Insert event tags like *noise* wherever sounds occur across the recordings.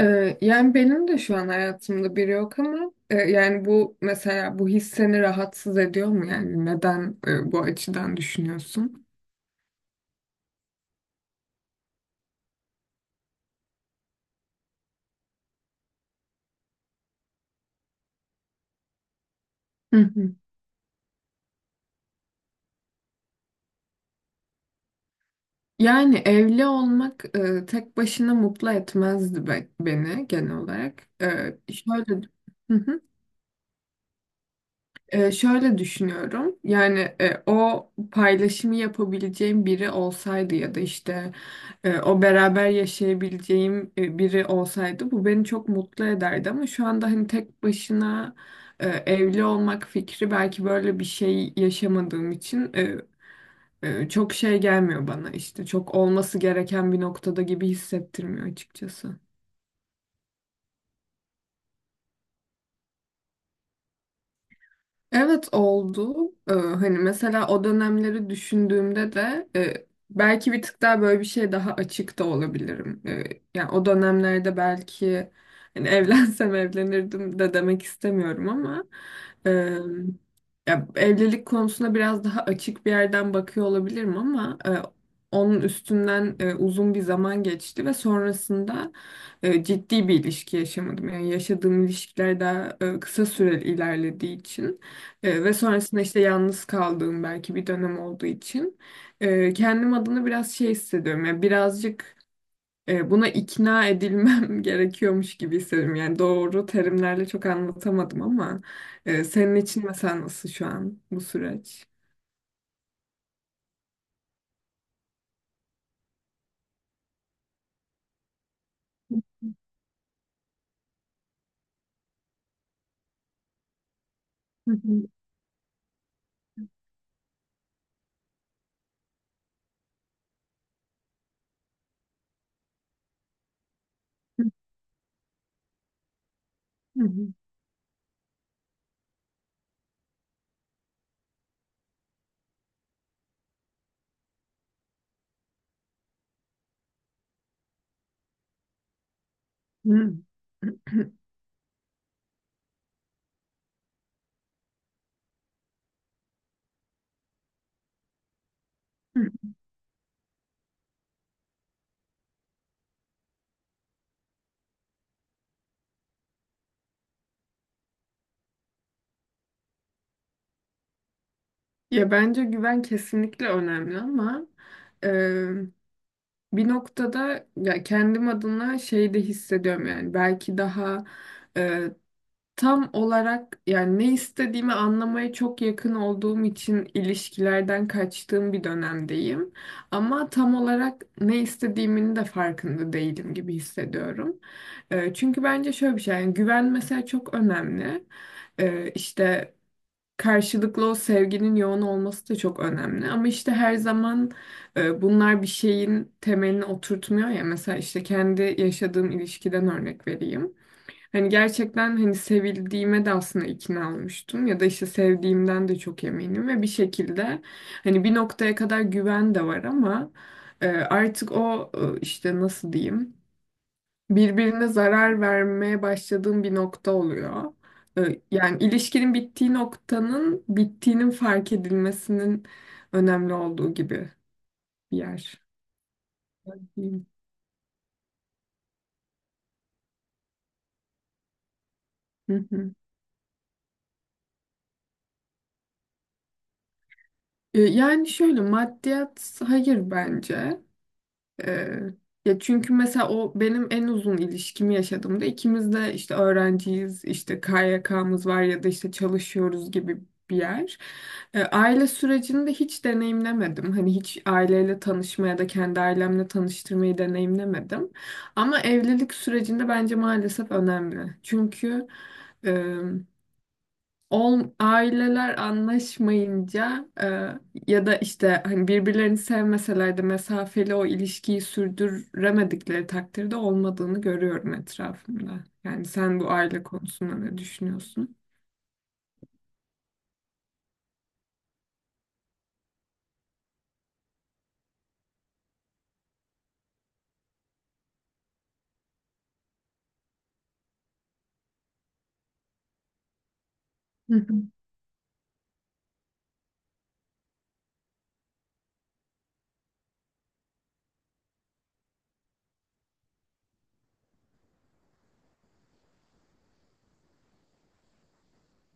Yani benim de şu an hayatımda biri yok ama yani bu mesela bu his seni rahatsız ediyor mu yani neden bu açıdan düşünüyorsun? Hı hı. Yani evli olmak tek başına mutlu etmezdi beni genel olarak. Şöyle. Hı hı. Şöyle düşünüyorum. Yani o paylaşımı yapabileceğim biri olsaydı ya da işte o beraber yaşayabileceğim biri olsaydı bu beni çok mutlu ederdi ama şu anda hani tek başına evli olmak fikri belki böyle bir şey yaşamadığım için çok şey gelmiyor bana işte çok olması gereken bir noktada gibi hissettirmiyor açıkçası. Evet oldu. Hani mesela o dönemleri düşündüğümde de belki bir tık daha böyle bir şey daha açık da olabilirim. Yani o dönemlerde belki hani *laughs* evlensem evlenirdim de demek istemiyorum ama e, ya evlilik konusuna biraz daha açık bir yerden bakıyor olabilirim ama onun üstünden uzun bir zaman geçti ve sonrasında ciddi bir ilişki yaşamadım. Yani yaşadığım ilişkiler daha kısa süreli ilerlediği için. Ve sonrasında işte yalnız kaldığım belki bir dönem olduğu için kendim adına biraz şey hissediyorum. Yani birazcık buna ikna edilmem *laughs* gerekiyormuş gibi hissediyorum. Yani doğru terimlerle çok anlatamadım ama senin için mesela nasıl şu an bu süreç? Hı hı. *clears throat* Hı hı. Hı hı. Ya bence güven kesinlikle önemli ama e, bir noktada ya kendim adına şey de hissediyorum yani belki daha e, tam olarak yani ne istediğimi anlamaya çok yakın olduğum için ilişkilerden kaçtığım bir dönemdeyim. Ama tam olarak ne istediğimin de farkında değilim gibi hissediyorum. Çünkü bence şöyle bir şey yani güven mesela çok önemli. İşte karşılıklı o sevginin yoğun olması da çok önemli. Ama işte her zaman bunlar bir şeyin temelini oturtmuyor ya. Mesela işte kendi yaşadığım ilişkiden örnek vereyim. Hani gerçekten hani sevildiğime de aslında ikna olmuştum ya da işte sevdiğimden de çok eminim ve bir şekilde hani bir noktaya kadar güven de var ama artık o işte nasıl diyeyim birbirine zarar vermeye başladığım bir nokta oluyor. Yani ilişkinin bittiği noktanın bittiğinin fark edilmesinin önemli olduğu gibi bir yer. Diyeyim. Hı hı. Yani şöyle maddiyat hayır bence. Ee, ya çünkü mesela o benim en uzun ilişkimi yaşadığımda ikimiz de işte öğrenciyiz, işte KYK'mız var ya da işte çalışıyoruz gibi bir yer. Aile sürecini de hiç deneyimlemedim. Hani hiç aileyle tanışma ya da kendi ailemle tanıştırmayı deneyimlemedim. Ama evlilik sürecinde bence maalesef önemli. Çünkü aileler anlaşmayınca ya da işte hani birbirlerini sevmeseler de mesafeli o ilişkiyi sürdüremedikleri takdirde olmadığını görüyorum etrafımda. Yani sen bu aile konusunda ne düşünüyorsun? Hı hı,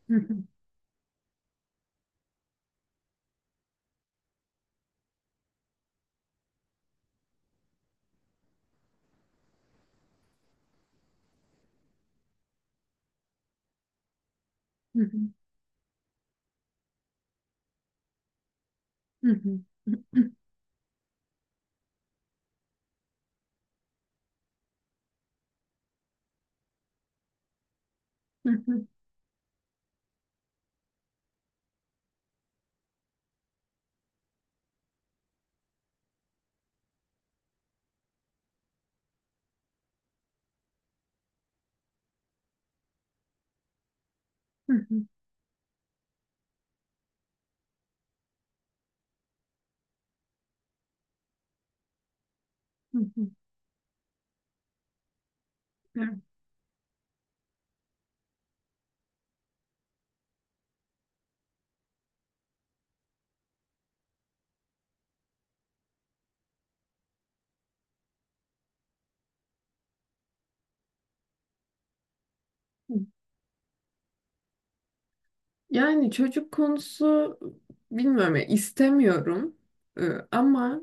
hı hı, hı hı, hı hı, hı hı, hı hı, hı hı. Yani çocuk konusu bilmiyorum ya istemiyorum. Ee, ama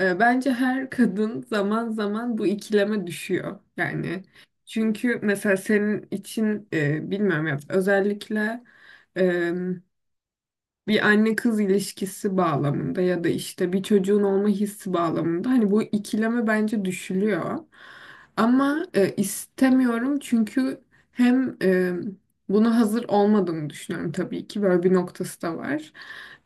bence her kadın zaman zaman bu ikileme düşüyor yani. Çünkü mesela senin için bilmiyorum ya özellikle bir anne kız ilişkisi bağlamında ya da işte bir çocuğun olma hissi bağlamında hani bu ikileme bence düşülüyor. Ama istemiyorum çünkü hem buna hazır olmadığımı düşünüyorum tabii ki böyle bir noktası da var.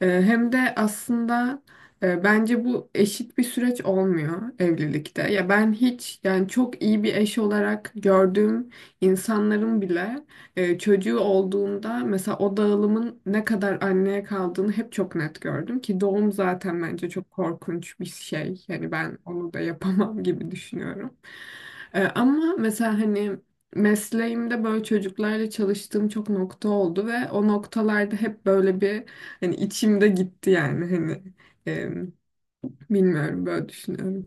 Hem de aslında bence bu eşit bir süreç olmuyor evlilikte. Ya ben hiç yani çok iyi bir eş olarak gördüğüm insanların bile çocuğu olduğunda mesela o dağılımın ne kadar anneye kaldığını hep çok net gördüm ki doğum zaten bence çok korkunç bir şey. Yani ben onu da yapamam *laughs* gibi düşünüyorum. Ama mesela hani mesleğimde böyle çocuklarla çalıştığım çok nokta oldu ve o noktalarda hep böyle bir hani içimde gitti yani hani e, bilmiyorum böyle düşünüyorum.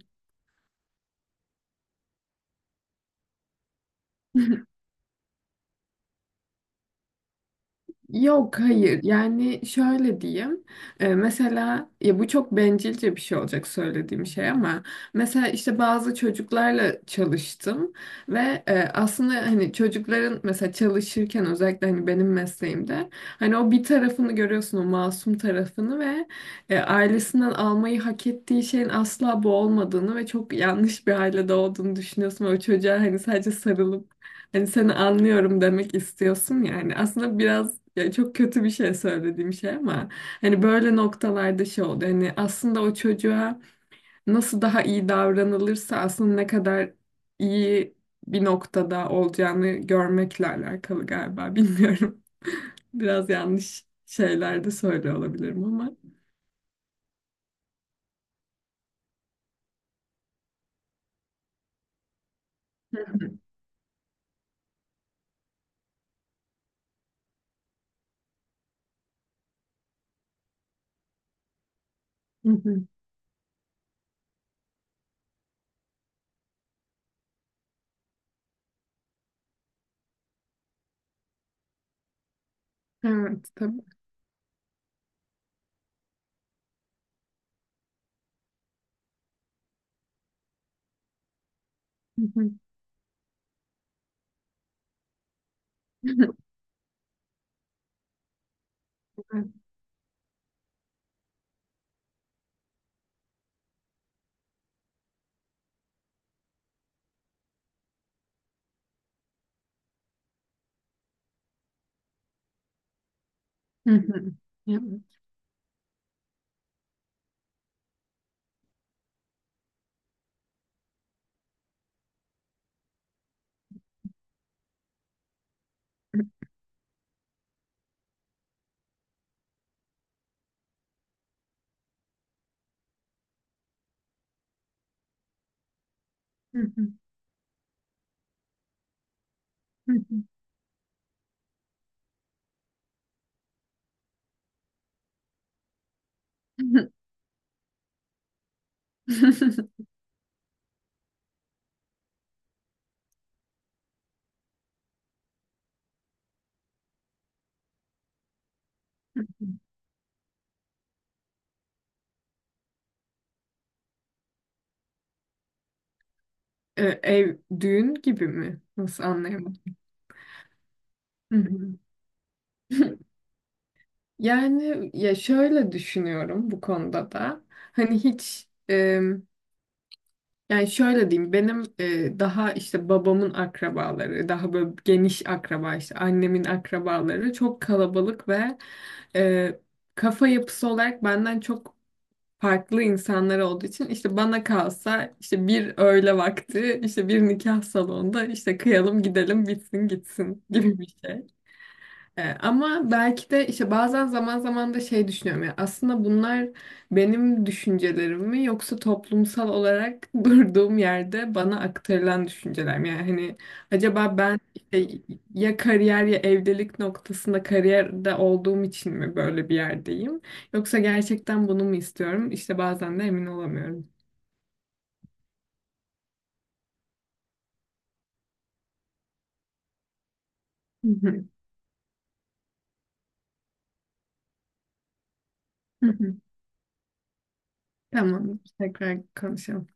*laughs* Yok, hayır, yani şöyle diyeyim. Mesela ya bu çok bencilce bir şey olacak söylediğim şey ama mesela işte bazı çocuklarla çalıştım ve aslında hani çocukların mesela çalışırken özellikle hani benim mesleğimde hani o bir tarafını görüyorsun o masum tarafını ve ailesinden almayı hak ettiği şeyin asla bu olmadığını ve çok yanlış bir ailede olduğunu düşünüyorsun ve o çocuğa hani sadece sarılıp hani seni anlıyorum demek istiyorsun yani. Aslında biraz ya çok kötü bir şey söylediğim şey ama hani böyle noktalarda şey oldu. Hani aslında o çocuğa nasıl daha iyi davranılırsa aslında ne kadar iyi bir noktada olacağını görmekle alakalı galiba. Bilmiyorum. *laughs* Biraz yanlış şeyler de söylüyor olabilirim ama. Hı hı. Evet, tabii. Hı hı. *laughs* Hı hı. Hı hı. Hı hı. Hı hı. *laughs* Ev düğün gibi mi? Nasıl anlayamadım? Hı hı. *laughs* Yani ya şöyle düşünüyorum bu konuda da. Hani hiç yani şöyle diyeyim benim daha işte babamın akrabaları daha böyle geniş akraba işte annemin akrabaları çok kalabalık ve e, kafa yapısı olarak benden çok farklı insanlar olduğu için işte bana kalsa işte bir öğle vakti işte bir nikah salonunda işte kıyalım gidelim bitsin gitsin gibi bir şey. Ama belki de işte bazen zaman zaman da şey düşünüyorum ya aslında bunlar benim düşüncelerim mi yoksa toplumsal olarak *laughs* durduğum yerde bana aktarılan düşünceler mi? Yani hani acaba ben işte ya kariyer ya evlilik noktasında kariyerde olduğum için mi böyle bir yerdeyim? Yoksa gerçekten bunu mu istiyorum? İşte bazen de emin olamıyorum. Hı hı. Hı hı. *laughs* Tamam, tekrar konuşalım.